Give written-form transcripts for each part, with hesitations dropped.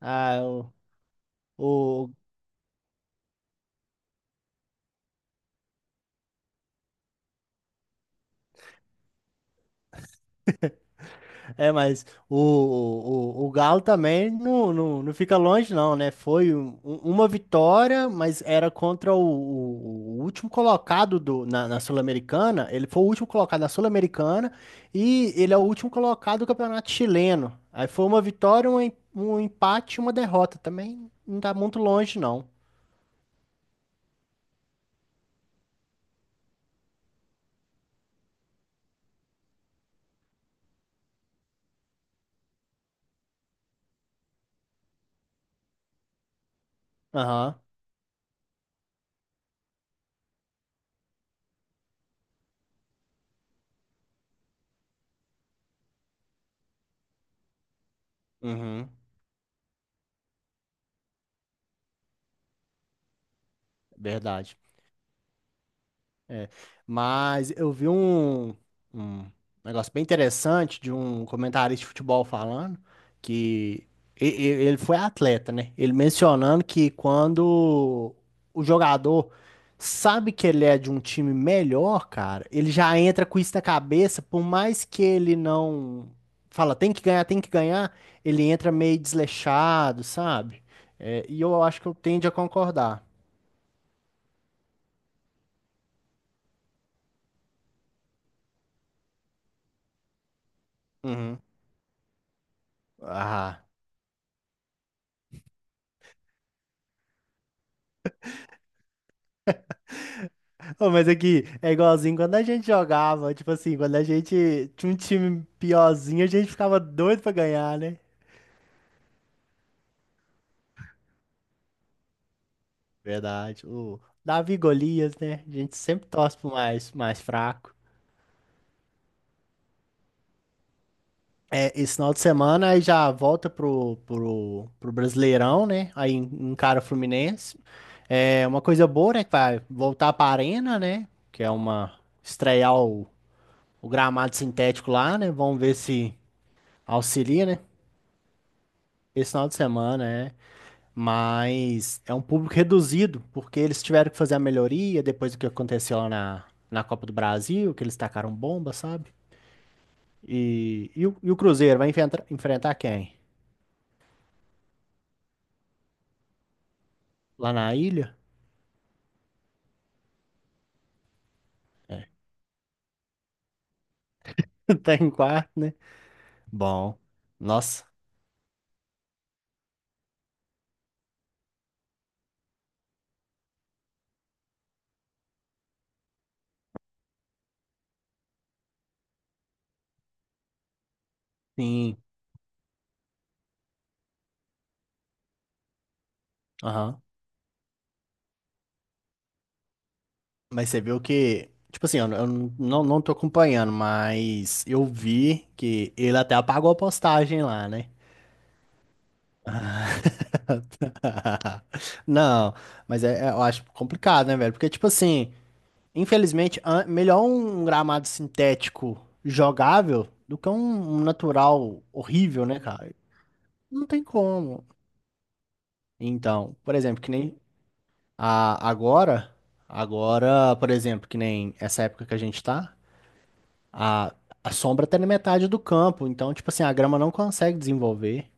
Ah, o, é, mas o Galo também não fica longe, não, né? Foi uma vitória, mas era contra o último colocado na Sul-Americana. Ele foi o último colocado na Sul-Americana e ele é o último colocado do Campeonato Chileno. Aí foi uma vitória, um empate e uma derrota. Também não tá muito longe, não. Aham, uhum, verdade. É, mas eu vi um negócio bem interessante de um comentarista de futebol falando que ele foi atleta, né? Ele mencionando que quando o jogador sabe que ele é de um time melhor, cara, ele já entra com isso na cabeça, por mais que ele não fala, tem que ganhar, ele entra meio desleixado, sabe? É, e eu acho que eu tendo a concordar. Uhum. Ah. Ô, mas aqui é igualzinho quando a gente jogava, tipo assim, quando a gente tinha um time piorzinho, a gente ficava doido pra ganhar, né? Verdade. O Davi e Golias, né? A gente sempre torce pro mais fraco. É, esse final de semana aí já volta pro Brasileirão, né? Aí encara o Fluminense. É uma coisa boa, né? Que vai voltar pra Arena, né? Que é uma estrear o gramado sintético lá, né? Vamos ver se auxilia, né? Esse final de semana, é. Mas é um público reduzido, porque eles tiveram que fazer a melhoria depois do que aconteceu lá na Copa do Brasil, que eles tacaram bomba, sabe? E o Cruzeiro vai enfrentar quem? Lá na ilha? Tá em quarto, né? Bom, nossa, sim, aham. Mas você viu que, tipo assim, eu não tô acompanhando, mas eu vi que ele até apagou a postagem lá, né? Não, mas eu acho complicado, né, velho? Porque, tipo assim. Infelizmente, melhor um gramado sintético jogável do que um natural horrível, né, cara? Não tem como. Então, por exemplo, que nem a, agora, agora, por exemplo, que nem essa época que a gente tá, a, a sombra tá na metade do campo, então, tipo assim, a grama não consegue desenvolver,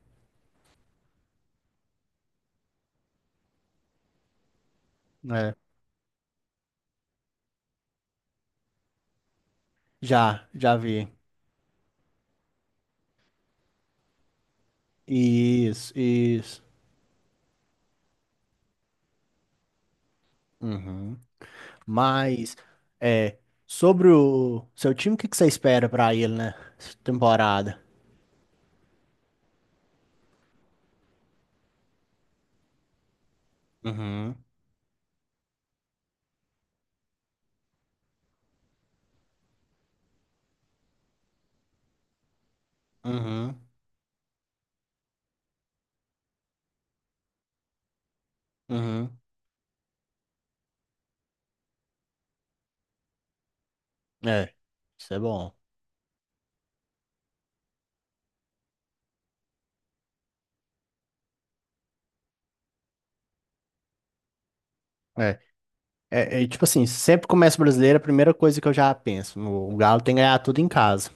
né? Já vi. Isso, isso. Uhum. Mas, é, sobre o seu time, o que que você espera pra ele, né? Essa temporada. Uhum, uhum, uhum. É, isso é bom. É, É, tipo assim, sempre começa o brasileiro, a primeira coisa que eu já penso, o Galo tem que ganhar tudo em casa.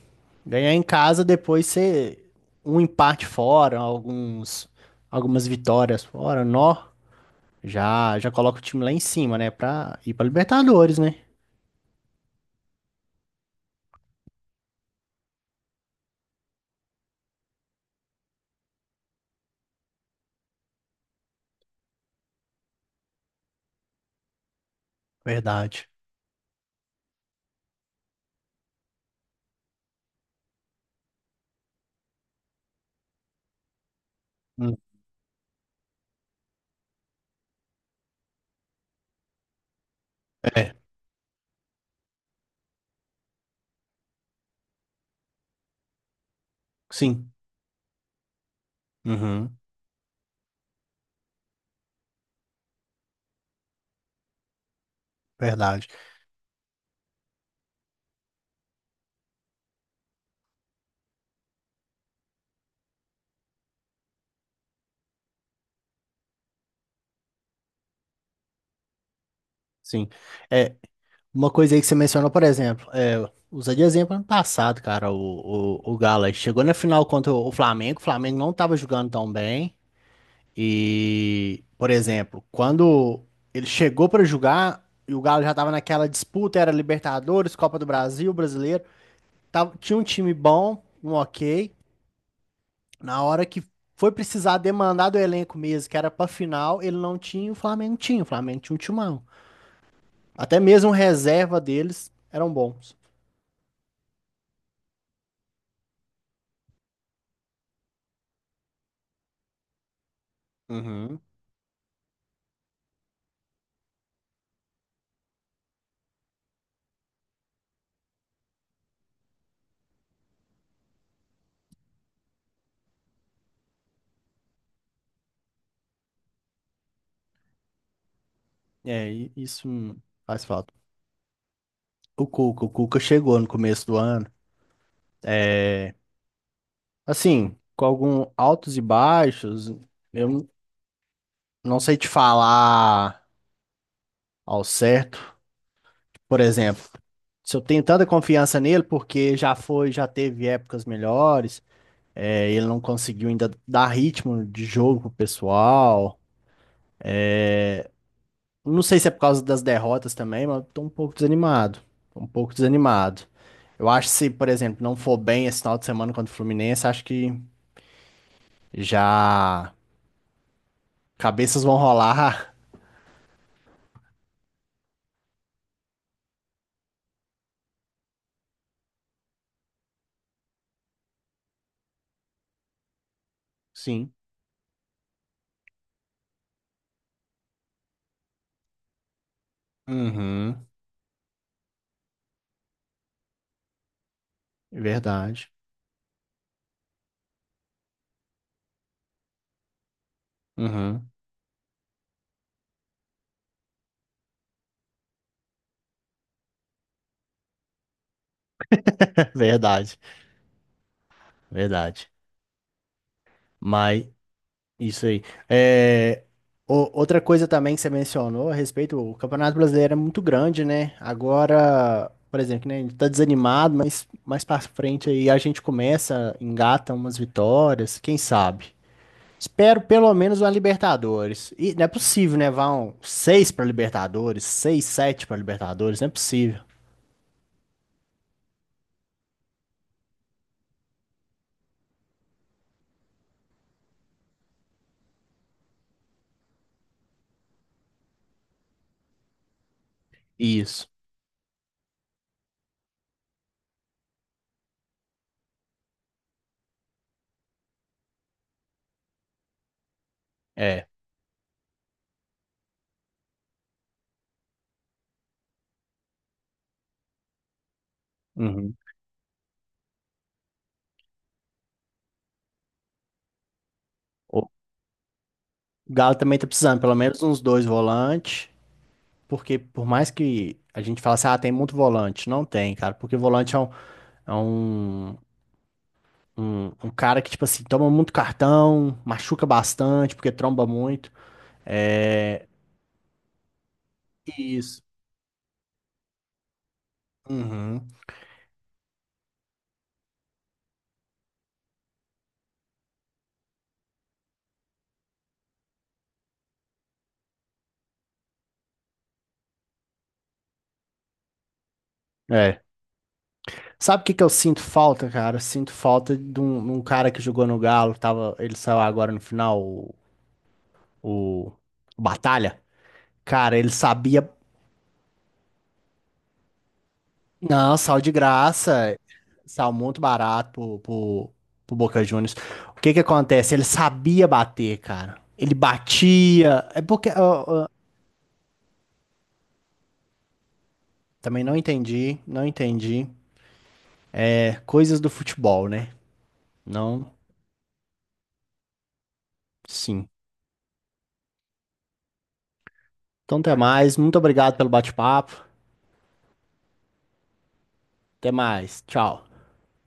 Ganhar em casa, depois ser um empate fora, algumas vitórias fora, nó, já coloca o time lá em cima, né, pra ir pra Libertadores, né? Verdade. Hum. É, sim. Uhum. Verdade. Sim. É, uma coisa aí que você mencionou, por exemplo, é, usa de exemplo ano passado, cara, o Galo aí chegou na final contra o Flamengo não estava jogando tão bem. E, por exemplo, quando ele chegou para jogar e o Galo já estava naquela disputa, era Libertadores, Copa do Brasil, Brasileiro, tinha um time bom, um ok. Na hora que foi precisar demandar do elenco mesmo, que era pra final, ele não tinha, o Flamengo tinha, o Flamengo tinha um timão. Até mesmo reserva deles eram bons. Uhum. É, e isso faz falta. O Cuca chegou no começo do ano. É, assim, com alguns altos e baixos, eu não sei te falar ao certo. Por exemplo, se eu tenho tanta confiança nele, porque já foi, já teve épocas melhores, é, ele não conseguiu ainda dar ritmo de jogo pro pessoal. Não sei se é por causa das derrotas também, mas eu tô um pouco desanimado. Tô um pouco desanimado. Eu acho que se, por exemplo, não for bem esse final de semana contra o Fluminense, acho que já cabeças vão rolar. Sim. Uhum. Verdade. Uhum. Verdade. Verdade. Mas isso aí. É, outra coisa também que você mencionou a respeito, o Campeonato Brasileiro é muito grande, né? Agora, por exemplo, né, a gente tá desanimado, mas mais pra frente aí a gente começa, engata umas vitórias, quem sabe? Espero pelo menos uma Libertadores. E não é possível, né? Vão seis pra Libertadores, seis, sete pra Libertadores, não é possível. Isso, é. Uhum. O Galo também tá precisando, pelo menos uns dois volantes. Porque por mais que a gente fale assim, ah, tem muito volante, não tem, cara, porque volante é um, um cara que, tipo assim, toma muito cartão, machuca bastante, porque tromba muito. É. Isso. Uhum. É. Sabe o que que eu sinto falta, cara? Eu sinto falta de um cara que jogou no Galo, tava, ele saiu agora no final, o Batalha. Cara, ele sabia. Não, sal de graça. Sal muito barato pro Boca Juniors. O que que acontece? Ele sabia bater, cara. Ele batia. É porque. Ó, também não entendi, não entendi. É, coisas do futebol, né? Não, sim. Então, até mais. Muito obrigado pelo bate-papo. Até mais. Tchau.